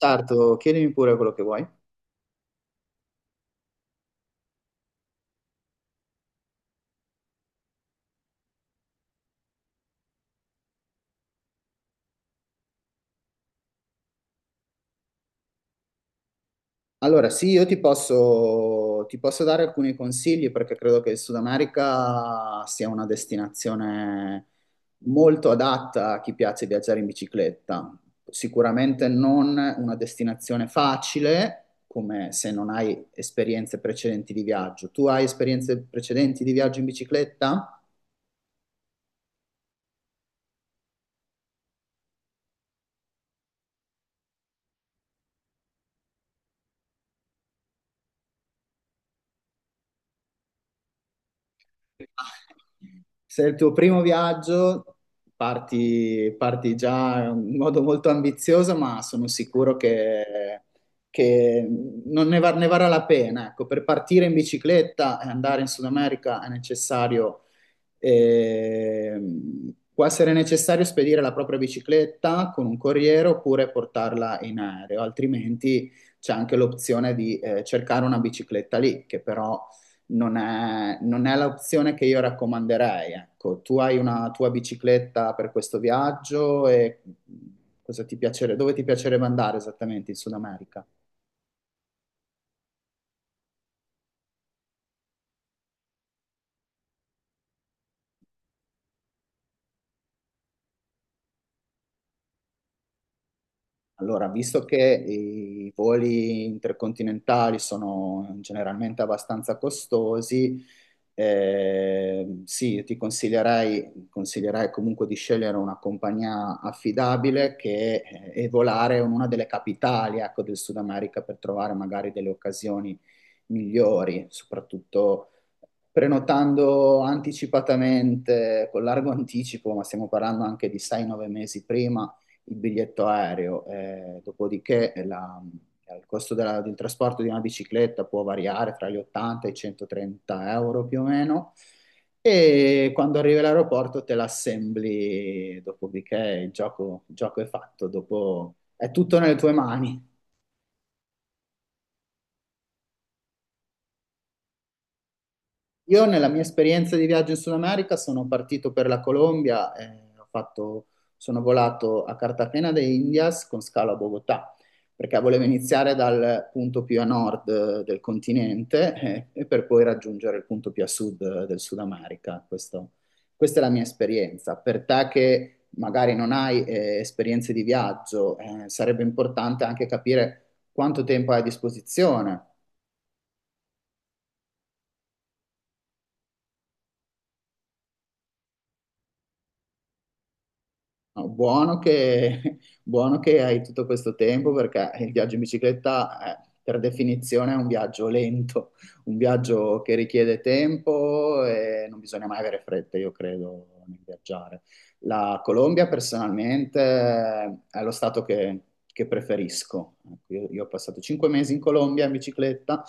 Sarto, chiedimi pure quello che vuoi. Allora, sì, io ti posso dare alcuni consigli perché credo che il Sud America sia una destinazione molto adatta a chi piace viaggiare in bicicletta. Sicuramente non una destinazione facile, come se non hai esperienze precedenti di viaggio. Tu hai esperienze precedenti di viaggio in bicicletta? Se è il tuo primo viaggio, parti già in modo molto ambizioso, ma sono sicuro che non ne, va- ne varrà la pena. Ecco, per partire in bicicletta e andare in Sud America può essere necessario spedire la propria bicicletta con un corriere oppure portarla in aereo, altrimenti c'è anche l'opzione di cercare una bicicletta lì, che però non è l'opzione che io raccomanderei. Ecco, tu hai una tua bicicletta per questo viaggio e cosa ti piacerebbe, dove ti piacerebbe andare esattamente in Sud America? Allora, visto che i voli intercontinentali sono generalmente abbastanza costosi, sì, io ti consiglierei comunque di scegliere una compagnia affidabile e volare in una delle capitali, ecco, del Sud America per trovare magari delle occasioni migliori, soprattutto prenotando anticipatamente, con largo anticipo, ma stiamo parlando anche di 6-9 mesi prima il biglietto aereo, dopodiché il costo del trasporto di una bicicletta può variare tra gli 80 e i 130 euro più o meno. E quando arrivi all'aeroporto te l'assembli, dopodiché il gioco è fatto, dopo è tutto nelle tue mani. Io nella mia esperienza di viaggio in Sud America sono partito per la Colombia, sono volato a Cartagena de Indias con scalo a Bogotà, perché volevo iniziare dal punto più a nord del continente e per poi raggiungere il punto più a sud del Sud America. Questa è la mia esperienza. Per te che magari non hai esperienze di viaggio, sarebbe importante anche capire quanto tempo hai a disposizione. No, buono che, buono che hai tutto questo tempo perché il viaggio in bicicletta, per definizione, è un viaggio lento, un viaggio che richiede tempo e non bisogna mai avere fretta, io credo, nel viaggiare. La Colombia, personalmente, è lo stato che preferisco. Ecco, io ho passato 5 mesi in Colombia in bicicletta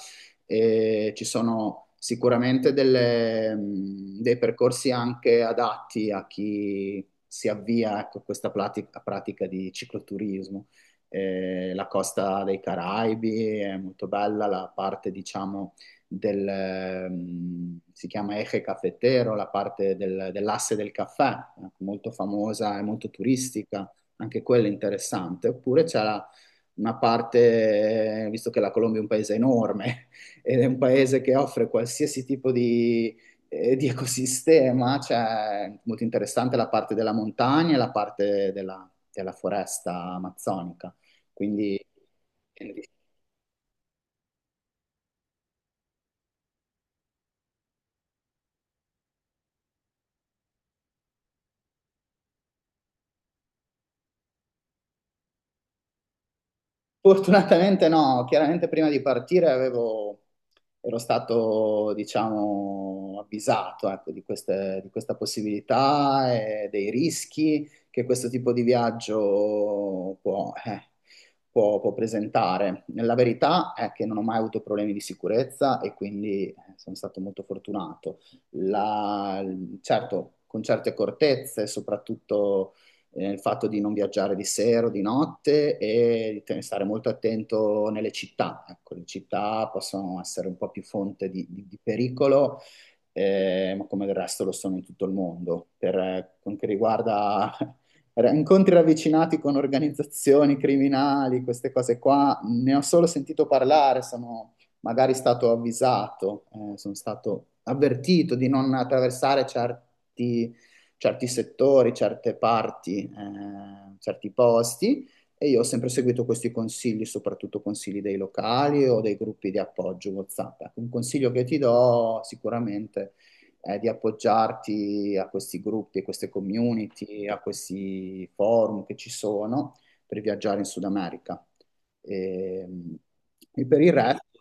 e ci sono sicuramente dei percorsi anche adatti a chi si avvia, ecco, a pratica di cicloturismo. La costa dei Caraibi è molto bella, la parte, diciamo, si chiama Eje Cafetero, la parte dell'asse del caffè, molto famosa e molto turistica, anche quella interessante. Oppure una parte, visto che la Colombia è un paese enorme, ed è un paese che offre qualsiasi tipo di ecosistema, cioè molto interessante la parte della montagna e la parte della foresta amazzonica, quindi. Fortunatamente no, chiaramente prima di partire ero stato, diciamo, avvisato, ecco, di questa possibilità e dei rischi che questo tipo di viaggio può presentare. La verità è che non ho mai avuto problemi di sicurezza e quindi sono stato molto fortunato. La- certo, con certe accortezze, soprattutto il fatto di non viaggiare di sera o di notte e stare molto attento nelle città. Ecco, le città possono essere un po' più fonte di pericolo, ma come del resto lo sono in tutto il mondo. Per quanto riguarda incontri ravvicinati con organizzazioni criminali, queste cose qua, ne ho solo sentito parlare, sono magari stato avvisato, sono stato avvertito di non attraversare certi settori, certe parti, certi posti e io ho sempre seguito questi consigli, soprattutto consigli dei locali o dei gruppi di appoggio WhatsApp. Ecco, un consiglio che ti do sicuramente è di appoggiarti a questi gruppi, a queste community, a questi forum che ci sono per viaggiare in Sud America. E, e per il resto,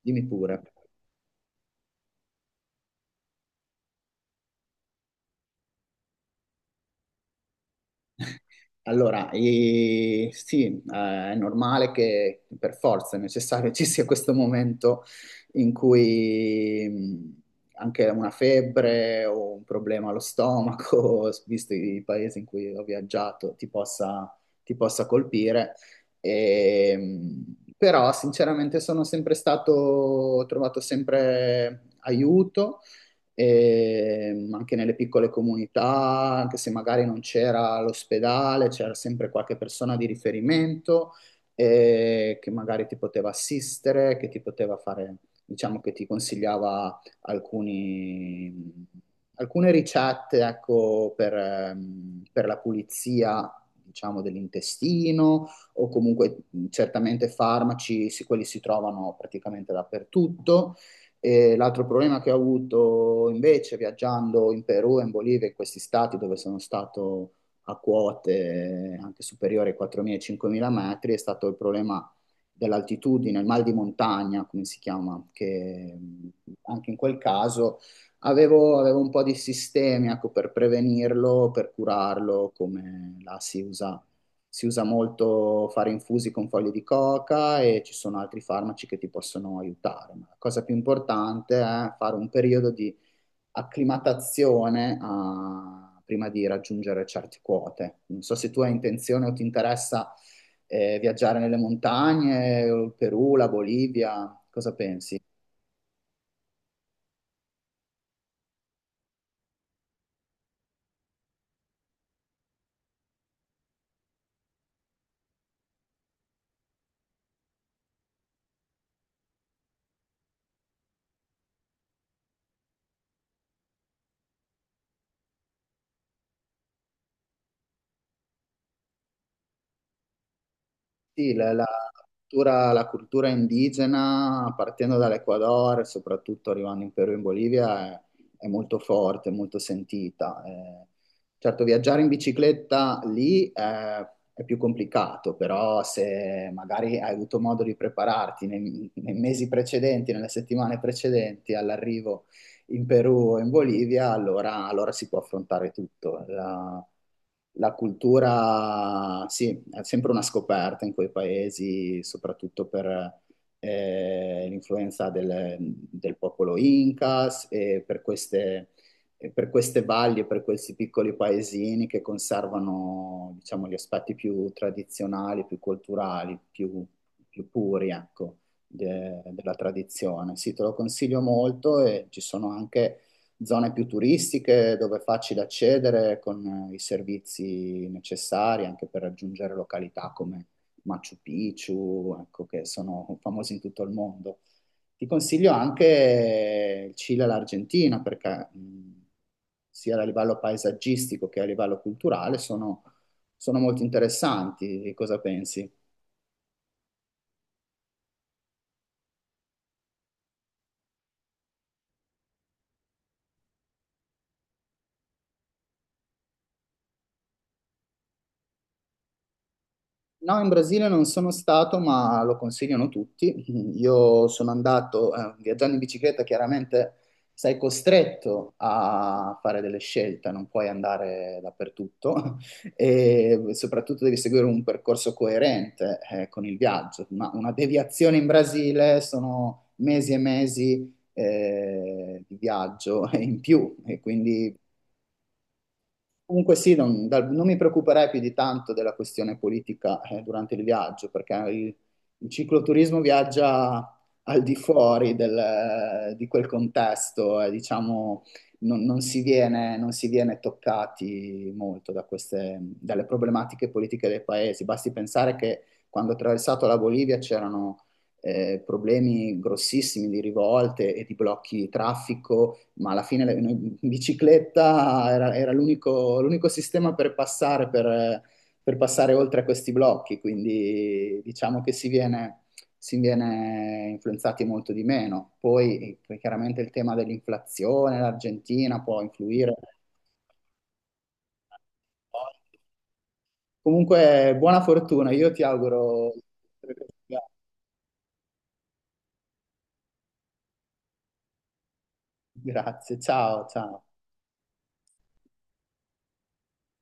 dimmi pure. Allora, sì, è normale che per forza è necessario ci sia questo momento in cui anche una febbre o un problema allo stomaco, visto i paesi in cui ho viaggiato, ti possa colpire. Però, sinceramente, sono sempre stato, ho trovato sempre aiuto e anche nelle piccole comunità, anche se magari non c'era l'ospedale, c'era sempre qualche persona di riferimento che magari ti poteva assistere, che ti poteva fare, diciamo che ti consigliava alcune ricette, ecco, per la pulizia. Diciamo dell'intestino o comunque certamente farmaci, sì, quelli si trovano praticamente dappertutto e l'altro problema che ho avuto invece viaggiando in Perù e in Bolivia, in questi stati dove sono stato a quote anche superiori ai 4.000-5.000 metri, è stato il problema dell'altitudine, il mal di montagna, come si chiama, che anche in quel caso avevo un po' di sistemi, ecco, per prevenirlo, per curarlo, come la si usa molto fare infusi con foglie di coca e ci sono altri farmaci che ti possono aiutare, ma la cosa più importante è fare un periodo di acclimatazione prima di raggiungere certe quote. Non so se tu hai intenzione o ti interessa viaggiare nelle montagne, il Perù, la Bolivia, cosa pensi? Sì, la cultura indigena, partendo dall'Ecuador, soprattutto arrivando in Perù e in Bolivia, è molto forte, molto sentita. Certo, viaggiare in bicicletta lì è più complicato, però se magari hai avuto modo di prepararti nei mesi precedenti, nelle settimane precedenti all'arrivo in Perù o in Bolivia, allora si può affrontare tutto. La cultura, sì, è sempre una scoperta in quei paesi, soprattutto per l'influenza del popolo Incas e per queste valli, e per questi piccoli paesini che conservano, diciamo, gli aspetti più tradizionali, più culturali, più puri, ecco della tradizione. Sì, te lo consiglio molto e ci sono anche zone più turistiche dove è facile accedere con i servizi necessari anche per raggiungere località come Machu Picchu, ecco, che sono famosi in tutto il mondo. Ti consiglio anche il Cile e l'Argentina perché sia a livello paesaggistico che a livello culturale sono molto interessanti. Cosa pensi? No, in Brasile non sono stato, ma lo consigliano tutti. Io sono andato, viaggiando in bicicletta, chiaramente sei costretto a fare delle scelte, non puoi andare dappertutto e soprattutto devi seguire un percorso coerente, con il viaggio. Una deviazione in Brasile sono mesi e mesi, di viaggio in più e quindi. Comunque sì, non mi preoccuperei più di tanto della questione politica durante il viaggio, perché il cicloturismo viaggia al di fuori di quel contesto e diciamo non si viene toccati molto da dalle problematiche politiche dei paesi. Basti pensare che quando ho attraversato la Bolivia c'erano problemi grossissimi di rivolte e di blocchi di traffico ma alla fine in bicicletta era l'unico sistema per passare oltre a questi blocchi, quindi diciamo che si viene influenzati molto di meno. Poi chiaramente il tema dell'inflazione, l'Argentina può influire. Comunque, buona fortuna, io ti auguro. Grazie, ciao, ciao.